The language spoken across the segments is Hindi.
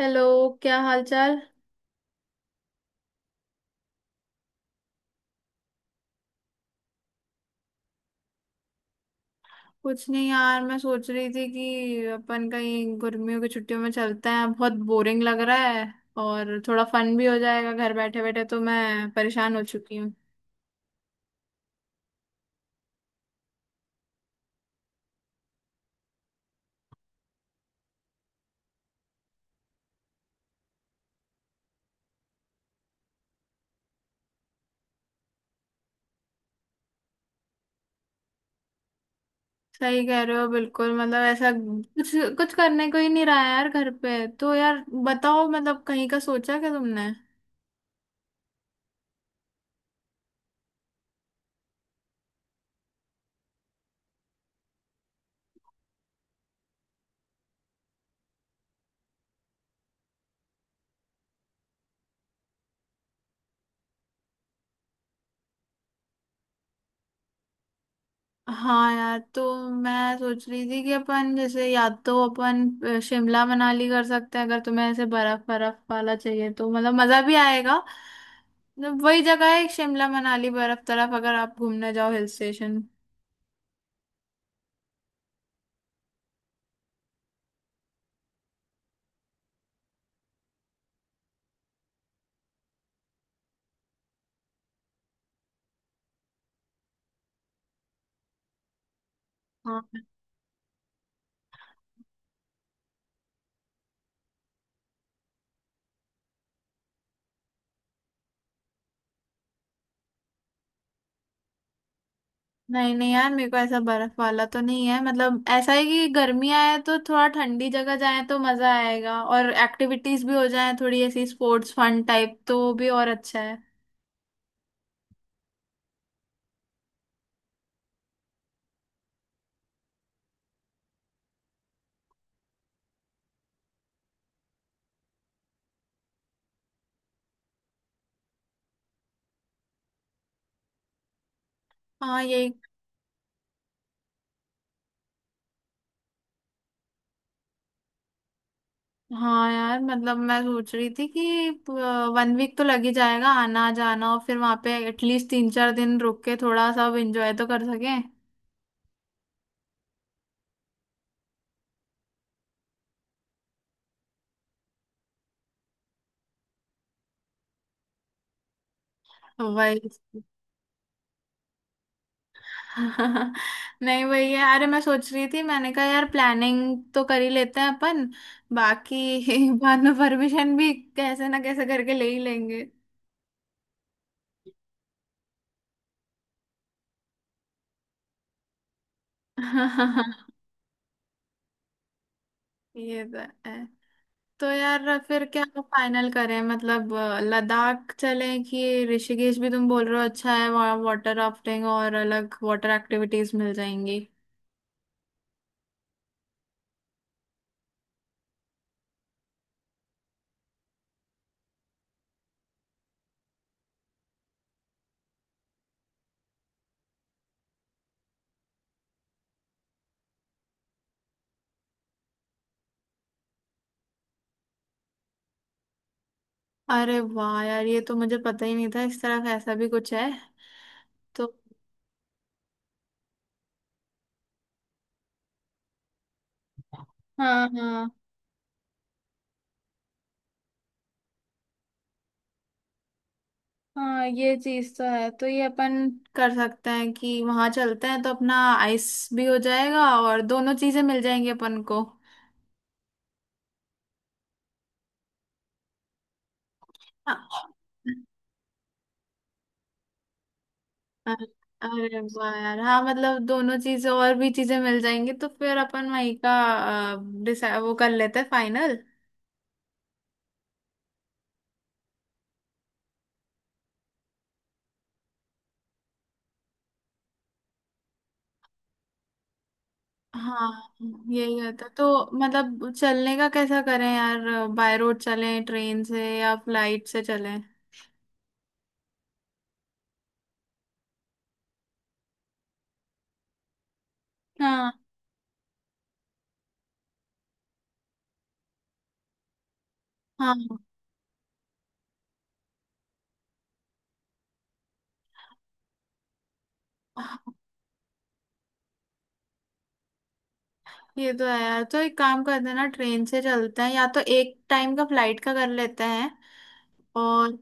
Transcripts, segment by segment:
हेलो। क्या हाल चाल। कुछ नहीं यार, मैं सोच रही थी कि अपन कहीं गर्मियों की छुट्टियों में चलते हैं। बहुत बोरिंग लग रहा है और थोड़ा फन भी हो जाएगा। घर बैठे बैठे तो मैं परेशान हो चुकी हूँ। सही कह रहे हो, बिल्कुल। मतलब ऐसा कुछ, कुछ करने को ही नहीं रहा है यार घर पे तो। यार बताओ, मतलब कहीं का सोचा क्या तुमने? हाँ यार। तो मैं सोच रही थी कि अपन जैसे, या तो अपन शिमला मनाली कर सकते हैं। अगर तुम्हें ऐसे बर्फ बर्फ वाला चाहिए तो मतलब मजा भी आएगा। मतलब वही जगह है शिमला मनाली, बर्फ तरफ अगर आप घूमने जाओ हिल स्टेशन। हाँ। नहीं नहीं यार, मेरे को ऐसा बर्फ वाला तो नहीं है। मतलब ऐसा है कि गर्मी आए तो थोड़ा ठंडी जगह जाए तो मजा आएगा, और एक्टिविटीज भी हो जाए थोड़ी ऐसी स्पोर्ट्स फन टाइप तो वो भी और अच्छा है। हाँ, यही। हाँ यार, मतलब मैं सोच रही थी कि वन वीक तो लग ही जाएगा आना जाना, और फिर वहां पे एटलीस्ट 3-4 दिन रुक के थोड़ा सब एंजॉय तो कर सकें। वही। नहीं वही है। अरे मैं सोच रही थी, मैंने कहा यार प्लानिंग तो कर ही लेते हैं अपन, बाकी बाद में परमिशन भी कैसे ना कैसे करके ले ही लेंगे। ये तो है। तो यार फिर क्या फाइनल करें मतलब? लद्दाख चलें कि ऋषिकेश? भी तुम बोल रहे हो अच्छा है वहाँ वाटर राफ्टिंग और अलग वाटर एक्टिविटीज मिल जाएंगी। अरे वाह यार, ये तो मुझे पता ही नहीं था इस तरफ ऐसा भी कुछ है। तो हाँ हाँ। हाँ ये चीज तो है। तो ये अपन कर सकते हैं कि वहां चलते हैं तो अपना आइस भी हो जाएगा और दोनों चीजें मिल जाएंगी अपन को। हाँ। अरे अरे वाह यार हाँ, मतलब दोनों चीजें और भी चीजें मिल जाएंगी, तो फिर अपन वही का वो कर लेते हैं फाइनल। हाँ यही होता तो। मतलब चलने का कैसा करें यार? बाय रोड चलें, ट्रेन से या फ्लाइट से चलें? हाँ हाँ। ये तो है यार। तो एक काम करते हैं ना, ट्रेन से चलते हैं, या तो एक टाइम का फ्लाइट का कर लेते हैं और।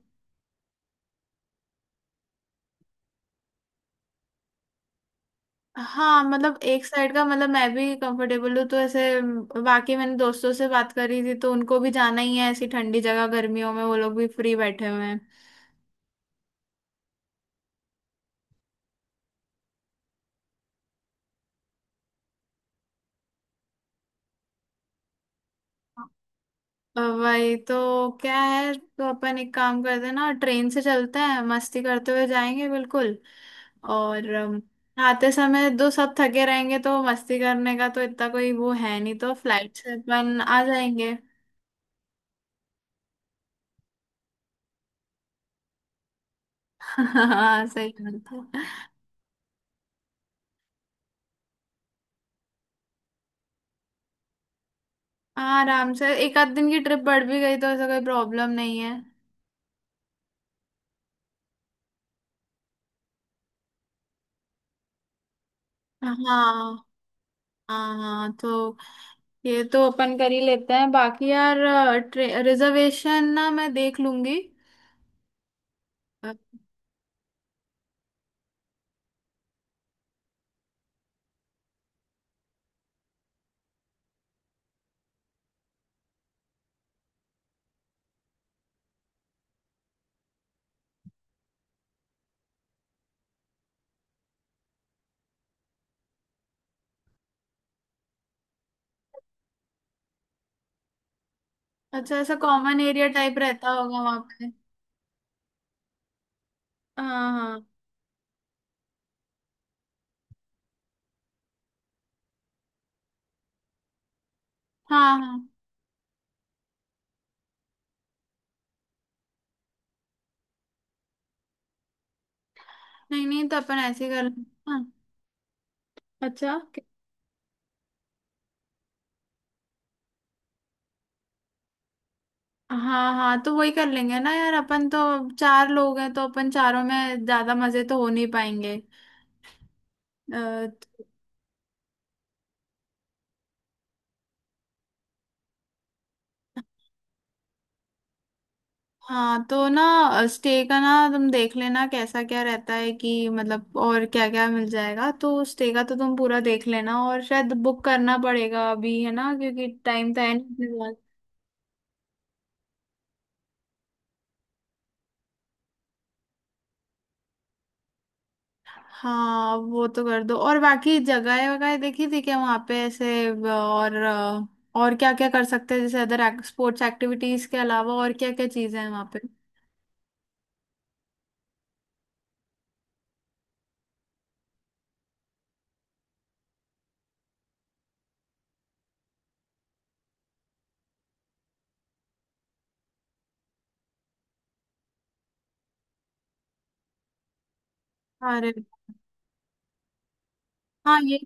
हाँ मतलब एक साइड का, मतलब मैं भी कंफर्टेबल हूँ, तो ऐसे बाकी मैंने दोस्तों से बात करी थी तो उनको भी जाना ही है, ऐसी ठंडी जगह गर्मियों में, वो लोग भी फ्री बैठे हुए हैं। वही तो क्या है। तो अपन एक काम करते हैं ना, ट्रेन से चलते हैं, मस्ती करते हुए जाएंगे बिल्कुल। और आते समय दो सब थके रहेंगे तो मस्ती करने का तो इतना कोई वो है नहीं, तो फ्लाइट से अपन आ जाएंगे। हाँ सही बात है। हाँ आराम से, एक आध दिन की ट्रिप बढ़ भी गई तो ऐसा कोई प्रॉब्लम नहीं है। हाँ हाँ हाँ। तो ये तो अपन कर ही लेते हैं, बाकी यार रिजर्वेशन ना मैं देख लूंगी। अ, अच्छा, ऐसा कॉमन एरिया टाइप रहता होगा वहां पे? हाँ हाँ हाँ हाँ। नहीं नहीं तो अपन ऐसे ही कर लेंगे। हाँ अच्छा। हाँ हाँ, तो वही कर लेंगे ना यार, अपन तो चार लोग हैं, तो अपन चारों में ज्यादा मजे तो हो नहीं पाएंगे। हाँ तो ना, स्टे का ना तुम देख लेना कैसा क्या रहता है कि, मतलब और क्या क्या मिल जाएगा, तो स्टे का तो तुम पूरा देख लेना और शायद बुक करना पड़ेगा अभी, है ना, क्योंकि टाइम तो है नहीं अपने पास। हाँ वो तो कर दो, और बाकी जगह वगैरह देखी थी क्या वहाँ पे ऐसे और और क्या क्या कर सकते हैं जैसे अदर स्पोर्ट्स एक्टिविटीज के अलावा और क्या क्या चीजें हैं वहाँ पे? अरे हाँ ये।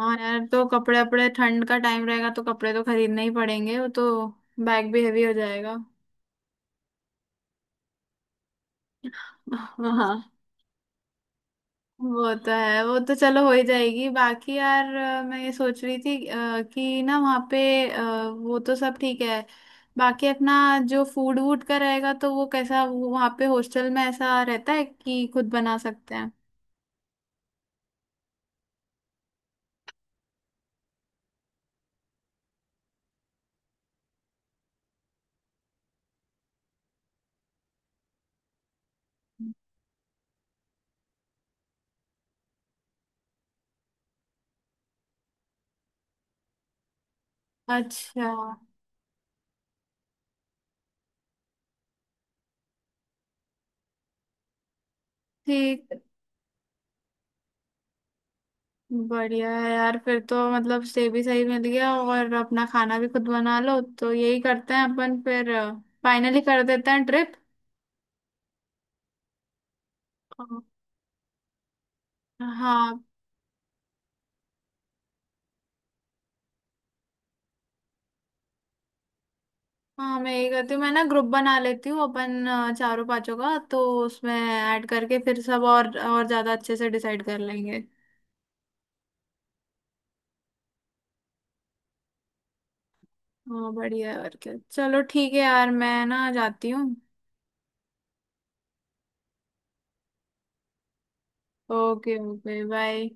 हाँ यार तो कपड़े अपड़े, ठंड का टाइम रहेगा तो कपड़े तो खरीदने ही पड़ेंगे वो तो। बैग भी हेवी हो जाएगा। हाँ वो तो है, वो तो चलो हो ही जाएगी। बाकी यार मैं ये सोच रही थी कि ना वहाँ पे अ, वो तो सब ठीक है। बाकी अपना जो फूड वूड का रहेगा तो वो कैसा, वो वहाँ पे हॉस्टल में ऐसा रहता है कि खुद बना सकते हैं? अच्छा। ठीक। बढ़िया है यार, फिर तो मतलब स्टे भी सही मिल गया और अपना खाना भी खुद बना लो, तो यही करते हैं अपन फिर। फाइनली कर देते हैं ट्रिप। हाँ हाँ। हाँ मैं यही करती हूँ, मैं ना ग्रुप बना लेती हूँ अपन चारों पांचों का, तो उसमें ऐड करके फिर सब और ज्यादा अच्छे से डिसाइड कर लेंगे। हाँ बढ़िया है और क्या, चलो ठीक है यार, मैं ना जाती हूँ। Okay okay bye.